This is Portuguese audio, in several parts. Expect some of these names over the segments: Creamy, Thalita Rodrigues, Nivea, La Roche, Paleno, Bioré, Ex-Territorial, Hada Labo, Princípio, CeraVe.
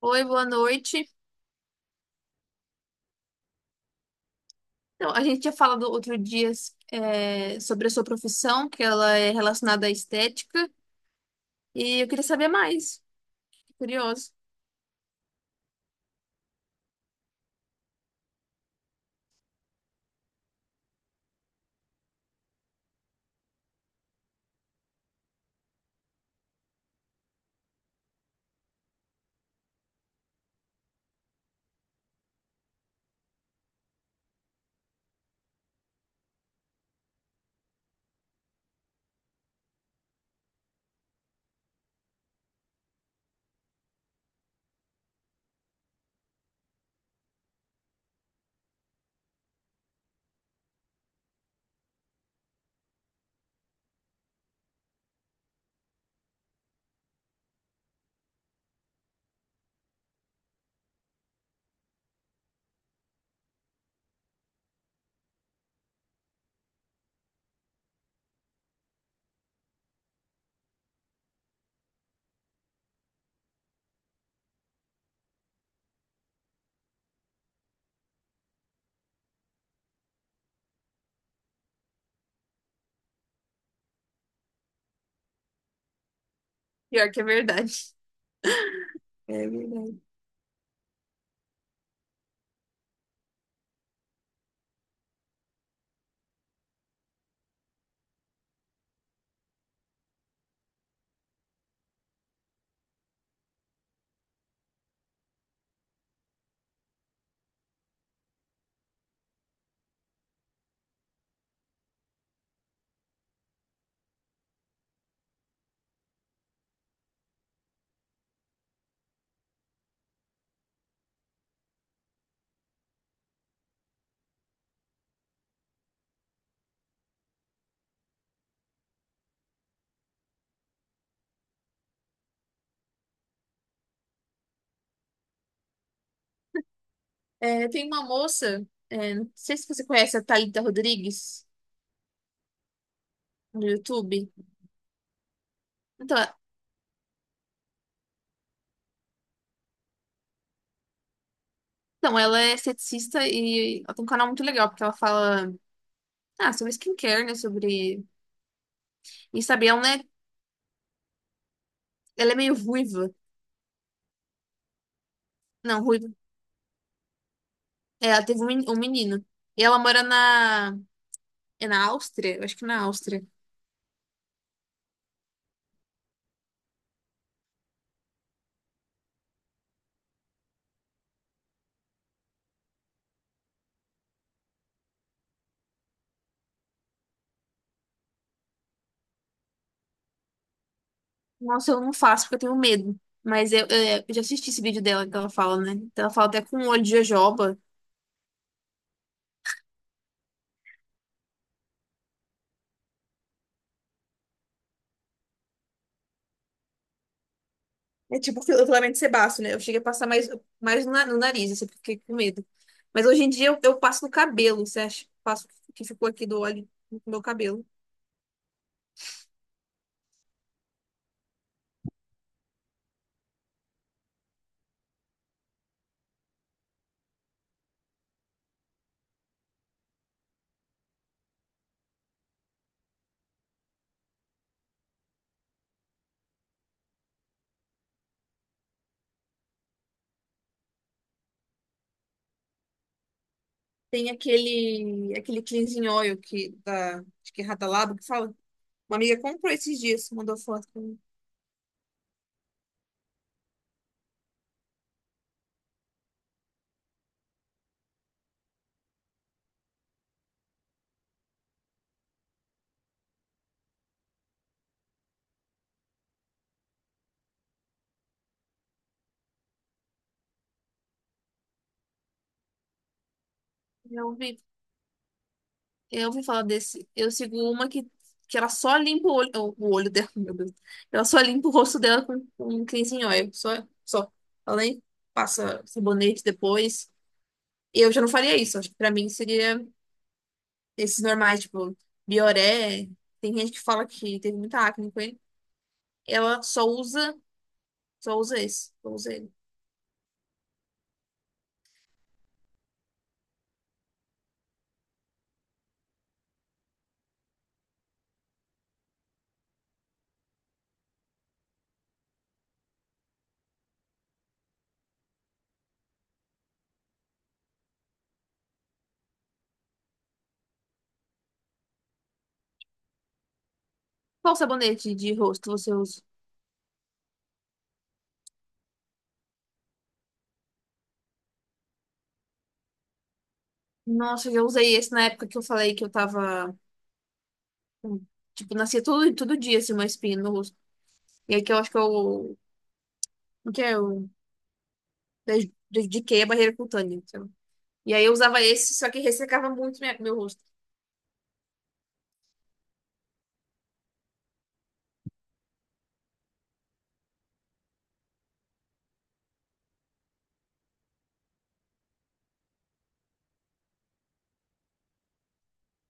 Oi, boa noite. Então, a gente tinha falado outro dia sobre a sua profissão, que ela é relacionada à estética, e eu queria saber mais. Curioso. Pior que é verdade. É verdade. É, tem uma moça, não sei se você conhece a Thalita Rodrigues no YouTube. Então, é- então, ela é esteticista e ela tem um canal muito legal, porque ela fala sobre skincare, né? Sobre. E sabe, ela, não é- ela é meio ruiva. Não, ruiva. É, ela teve um menino. E ela mora na. É na Áustria? Eu acho que é na Áustria. Nossa, eu não faço porque eu tenho medo. Mas eu já assisti esse vídeo dela que ela fala, né? Então ela fala até com o olho de jojoba. É tipo o filamento sebáceo, né? Eu cheguei a passar mais no nariz, assim, porque fiquei com medo. Mas hoje em dia eu passo no cabelo, você acha? Passo o que ficou aqui do óleo no meu cabelo. Tem aquele cleansing oil acho que é Hada Labo que fala. Uma amiga comprou esses dias, mandou foto pra mim. Eu vi. Eu ouvi falar desse. Eu sigo uma que ela só limpa o olho dela, meu Deus. Ela só limpa o rosto dela com cleanse em óleo. Só, só. Ela nem passa sabonete depois. Eu já não faria isso. Acho que pra mim seria esses normais, tipo, Bioré. Tem gente que fala que teve muita acne com ele. Ela só usa esse. Só usa ele. Qual sabonete de rosto você usa? Nossa, eu já usei esse na época que eu falei que eu tava com- Tipo, nascia todo dia, assim, uma espinha no rosto. E aí, que eu acho que eu, porque eu dediquei a barreira cutânea, então. E aí eu usava esse, só que ressecava muito meu rosto.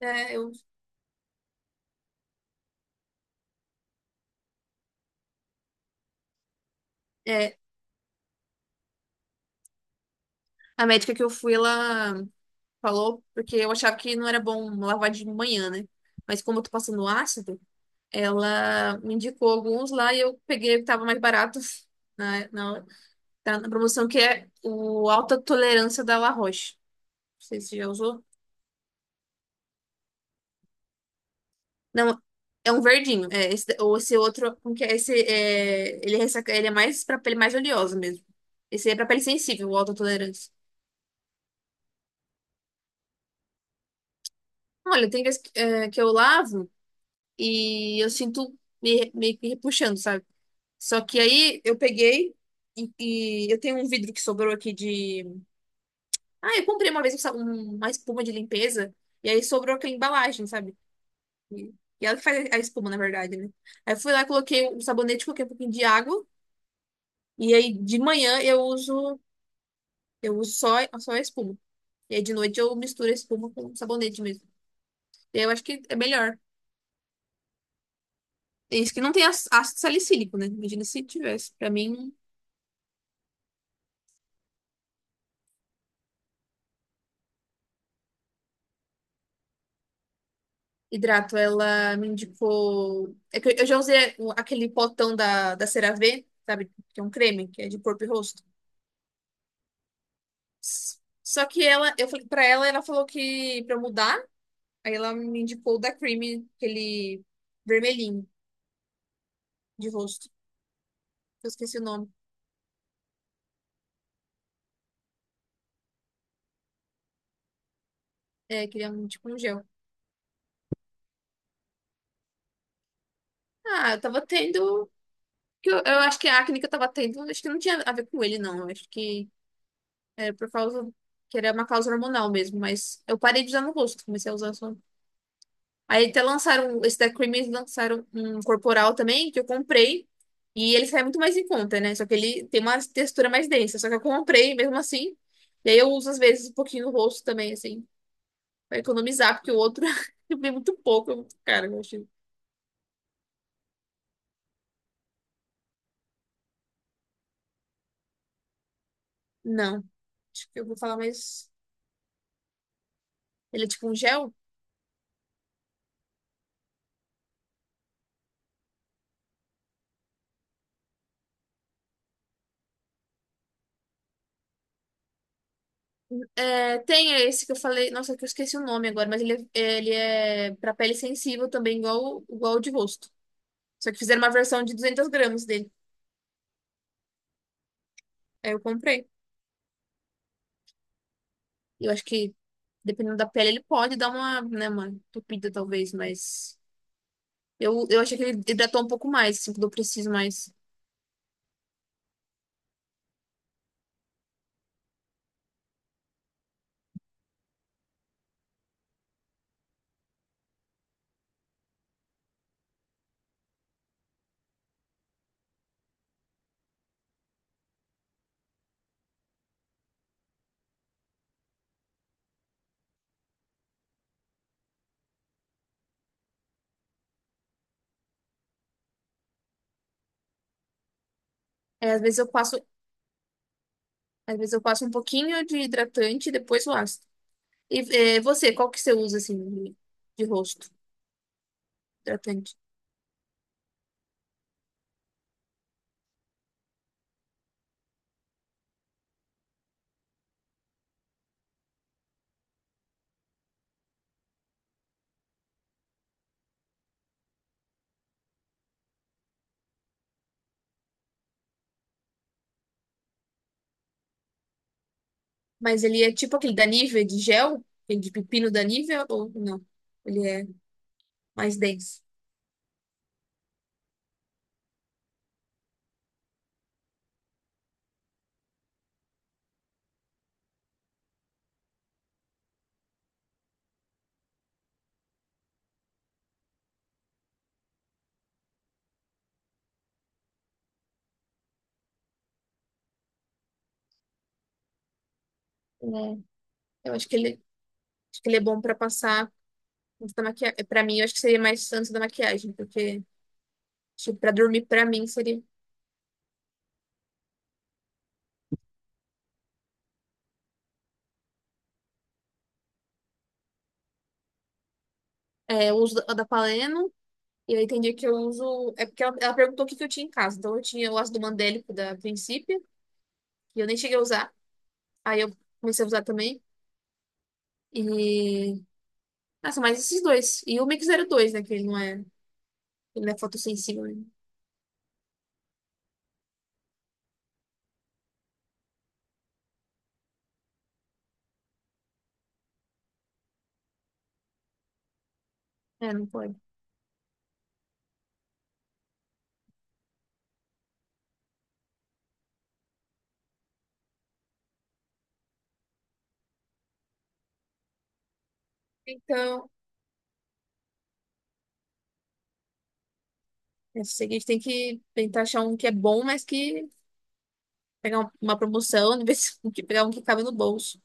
É, é, a médica que eu fui, ela falou, porque eu achava que não era bom lavar de manhã, né? Mas como eu tô passando ácido, ela me indicou alguns lá e eu peguei o que tava mais barato, na, na, tá na promoção, que é o Alta Tolerância da La Roche. Não sei se você já usou. Não, é um verdinho. É, esse, ou esse outro, como que é? Esse é, ele, é ressaca, ele é mais pra pele mais oleosa mesmo. Esse é pra pele sensível, o autotolerância. Olha, tem vezes que eu lavo e eu sinto meio que repuxando, sabe? Só que aí eu peguei e, e eu tenho um vidro que sobrou aqui de. Ah, eu comprei uma vez uma espuma de limpeza e aí sobrou aquela embalagem, sabe? E, e ela que faz a espuma, na verdade, né? Aí eu fui lá, coloquei um sabonete, coloquei um pouquinho de água. E aí de manhã eu uso só a espuma. E aí de noite eu misturo a espuma com sabonete mesmo. E aí eu acho que é melhor. É isso que não tem ácido salicílico, né? Imagina se tivesse. Pra mim, hidrato, ela me indicou. É que eu já usei aquele potão da CeraVe, sabe? Que é um creme, que é de corpo e rosto. Só que ela, eu falei pra ela, ela falou que pra eu mudar, aí ela me indicou o da Creamy, aquele vermelhinho de rosto. Eu esqueci o nome. É, que ele é um tipo um gel. Ah, eu tava tendo, que eu acho que a acne que eu tava tendo, acho que não tinha a ver com ele, não. Eu acho que era por causa. Que era uma causa hormonal mesmo, mas eu parei de usar no rosto, comecei a usar só. Aí até lançaram, esse da Cream, eles lançaram um corporal também, que eu comprei. E ele sai muito mais em conta, né? Só que ele tem uma textura mais densa. Só que eu comprei mesmo assim. E aí eu uso às vezes um pouquinho no rosto também, assim, pra economizar, porque o outro eu vi muito pouco, é muito caro, eu achei. Não, acho que eu vou falar mais. Ele é tipo um gel? É, tem esse que eu falei, nossa, que eu esqueci o nome agora, mas ele é para pele sensível também, igual o de rosto. Só que fizeram uma versão de 200 g dele. Aí eu comprei. Eu acho que, dependendo da pele, ele pode dar uma, né, uma entupida, talvez, mas eu achei que ele hidratou um pouco mais, assim, quando eu preciso mais. É, às vezes eu passo um pouquinho de hidratante e depois o ácido. E qual que você usa, assim, de rosto? Hidratante. Mas ele é tipo aquele da Nivea de gel? Aquele de pepino da Nivea ou não? Ele é mais denso. É. Eu acho que ele é bom pra passar antes da maquiagem. É, pra mim, eu acho que seria mais antes da maquiagem, porque tipo, pra dormir, pra mim, seria. É, eu uso a da Paleno, e aí tem dia que eu uso. É porque ela perguntou o que que eu tinha em casa. Então eu tinha o ácido do mandélico da Princípio, que eu nem cheguei a usar. Aí eu comecei a usar também. E. Nossa, mas esses dois. E o Mix 02, né? Que ele não é fotossensível, né? É, não pode. Então, é o seguinte, tem que tentar achar um que é bom, mas que pegar uma promoção, em vez de pegar um que cabe no bolso.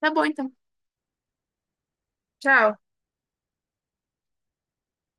Tá bom, então. Tchau.